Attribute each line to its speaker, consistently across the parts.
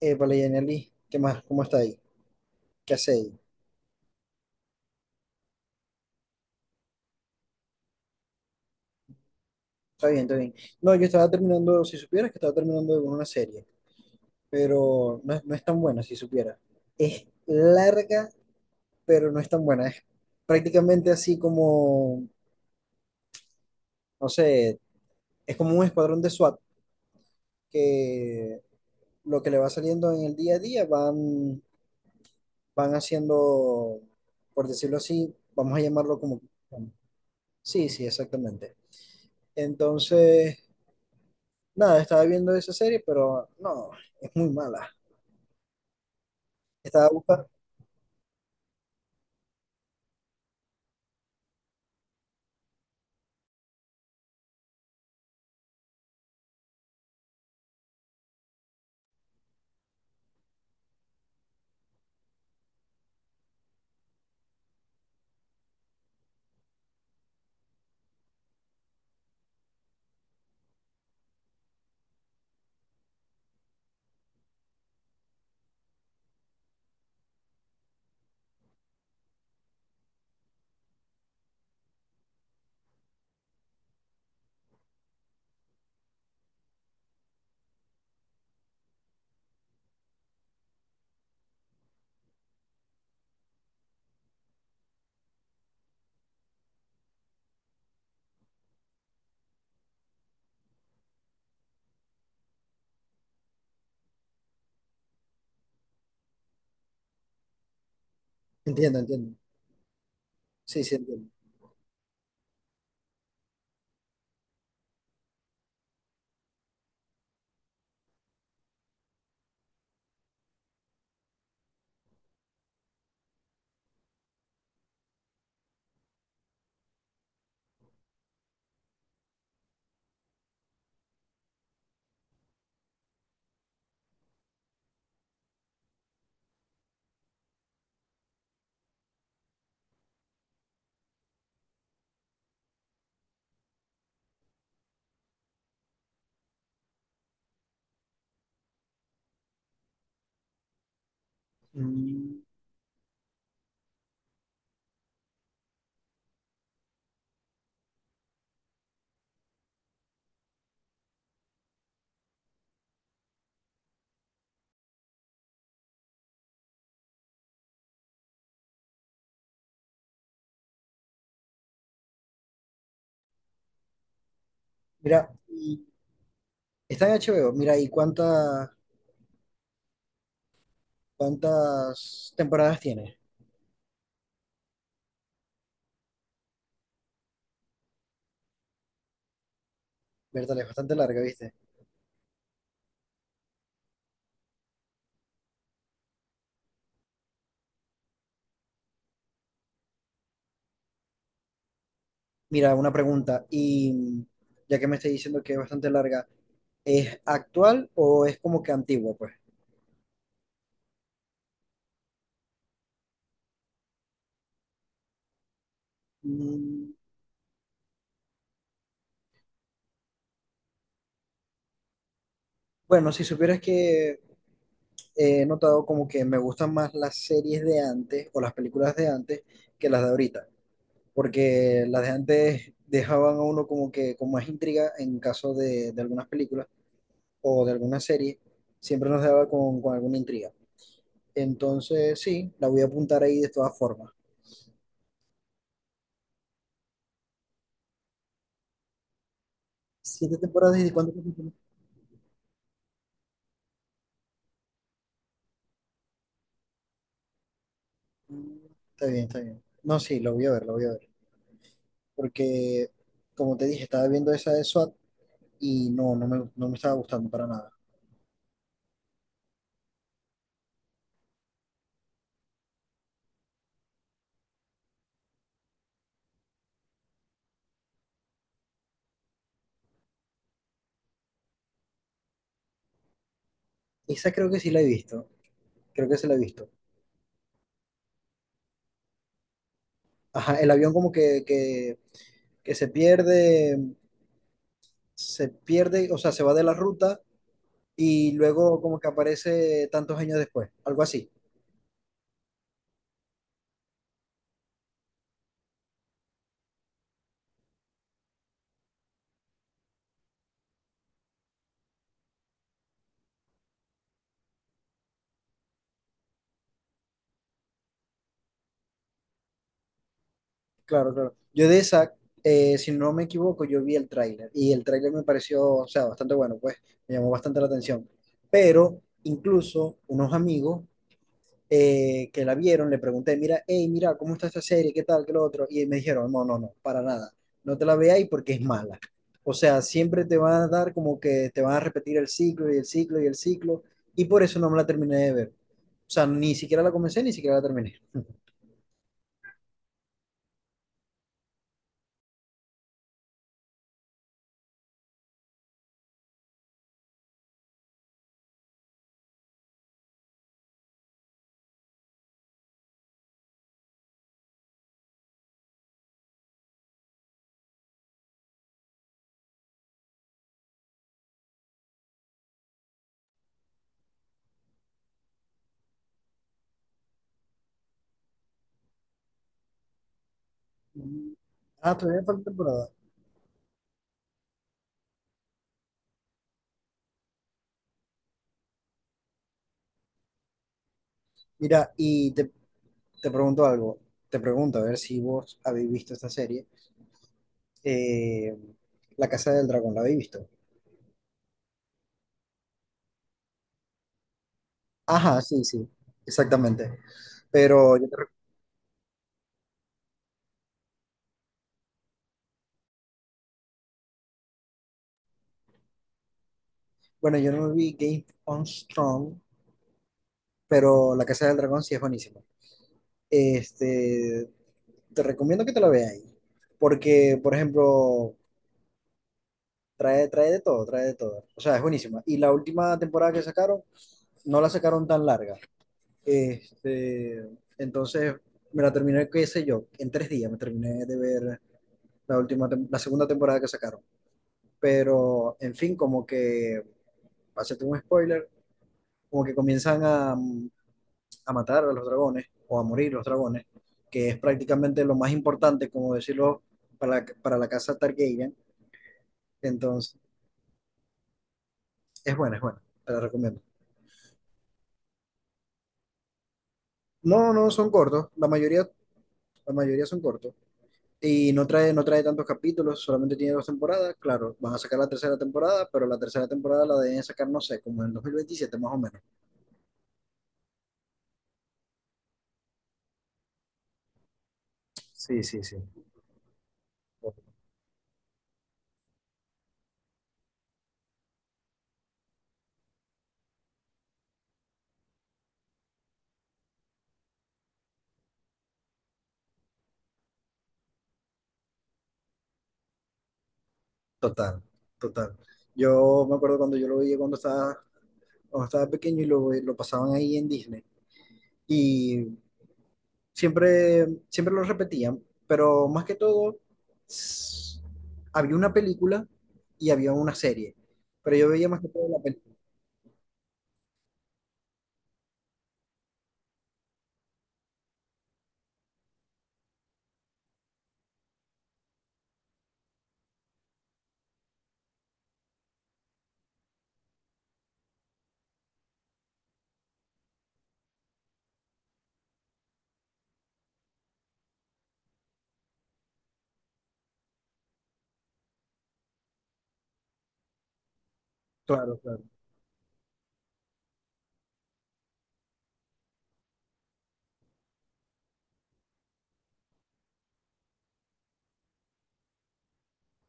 Speaker 1: Vale, Yaneli, ¿qué más? ¿Cómo está ahí? ¿Qué hace ahí? Está bien, está bien. No, yo estaba terminando, si supieras que estaba terminando de ver una serie, pero no, no es tan buena, si supieras. Es larga, pero no es tan buena. Es prácticamente así como, no sé, es como un escuadrón de SWAT que lo que le va saliendo en el día a día van haciendo, por decirlo así, vamos a llamarlo como... Sí, sí, exactamente. Entonces... Nada, estaba viendo esa serie, pero no, es muy mala. Estaba buscando. Entiendo, entiendo. Sí, sí, entiendo. Mm. Mira, y está en HBO. Mira, ¿y cuántas temporadas tiene? Verdad, es bastante larga, ¿viste? Mira, una pregunta. Y ya que me estás diciendo que es bastante larga, ¿es actual o es como que antigua, pues? Mm. Bueno, si supieras que he notado como que me gustan más las series de antes o las películas de antes que las de ahorita, porque las de antes dejaban a uno como que con más intriga en caso de algunas películas o de alguna serie, siempre nos dejaba con alguna intriga. Entonces, sí, la voy a apuntar ahí de todas formas. ¿Siete temporadas y de cuántos capítulos? Mm. Está bien, está bien. No, sí, lo voy a ver, lo voy a ver. Porque, como te dije, estaba viendo esa de SWAT y no, no me estaba gustando para nada. Esa creo que sí la he visto, creo que se la he visto. Ajá, el avión como que se pierde, o sea, se va de la ruta y luego como que aparece tantos años después, algo así. Claro, claro. Yo de esa, si no me equivoco, yo vi el tráiler y el tráiler me pareció, o sea, bastante bueno, pues me llamó bastante la atención. Pero incluso unos amigos que la vieron, le pregunté, mira, hey, mira, ¿cómo está esta serie? ¿Qué tal? ¿Qué lo otro? Y me dijeron, no, no, no, para nada. No te la veáis porque es mala. O sea, siempre te van a dar como que te van a repetir el ciclo y el ciclo y el ciclo. Y por eso no me la terminé de ver. O sea, ni siquiera la comencé, ni siquiera la terminé. Mm. Ah, todavía falta temporada. Mira, te pregunto algo. Te pregunto, a ver si vos habéis visto esta serie. Eh, La Casa del Dragón, ¿la habéis visto? Ajá, sí, sí, exactamente. Pero bueno, yo no me vi Game on Strong, pero La Casa del Dragón sí es buenísima. Este, te recomiendo que te la veas, porque, por ejemplo, trae, trae de todo, trae de todo. O sea, es buenísima. Y la última temporada que sacaron, no la sacaron tan larga. Este, entonces, me la terminé, qué sé yo, en tres días me terminé de ver la última, la segunda temporada que sacaron. Pero, en fin, como que, para hacerte un spoiler, como que comienzan a matar a los dragones o a morir los dragones, que es prácticamente lo más importante, como decirlo, para la casa Targaryen. Entonces, es buena, te la recomiendo. No, no, son cortos, la mayoría son cortos. Y no no trae tantos capítulos, solamente tiene dos temporadas. Claro, van a sacar la tercera temporada, pero la tercera temporada la deben sacar, no sé, como en 2027 más o menos. Sí, sí, sí. Total, total. Yo me acuerdo cuando yo lo veía cuando cuando estaba pequeño y lo pasaban ahí en Disney. Y siempre, siempre lo repetían, pero más que todo, s- había una película y había una serie, pero yo veía más que todo la película. Claro, claro,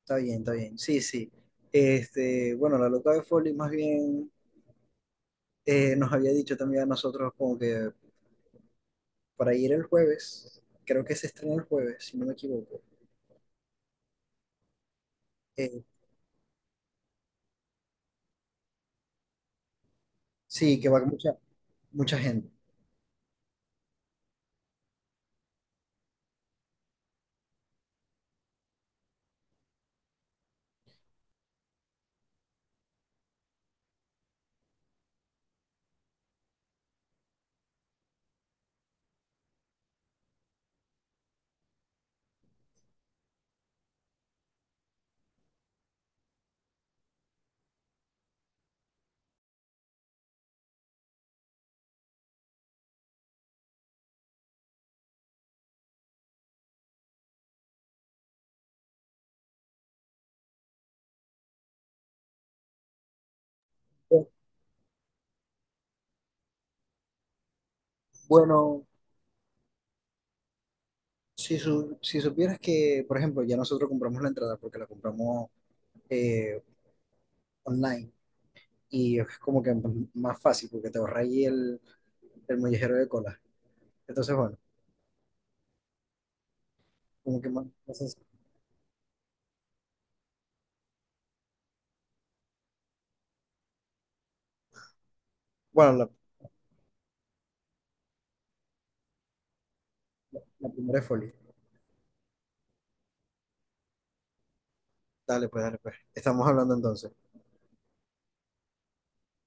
Speaker 1: está bien, sí, sí. Este, bueno, la loca de Foley más bien nos había dicho también a nosotros como que para ir el jueves, creo que se estrena el jueves, si no me equivoco. Eh, sí, que va mucha gente. Eh, Bueno, si supieras que, por ejemplo, ya nosotros compramos la entrada porque la compramos eh, online y es como que más fácil porque te ahorra ahí el mollejero de cola. Entonces, bueno, como que más sencillo. Bueno, la primera es Folly. Dale, pues, dale, pues. Estamos hablando entonces.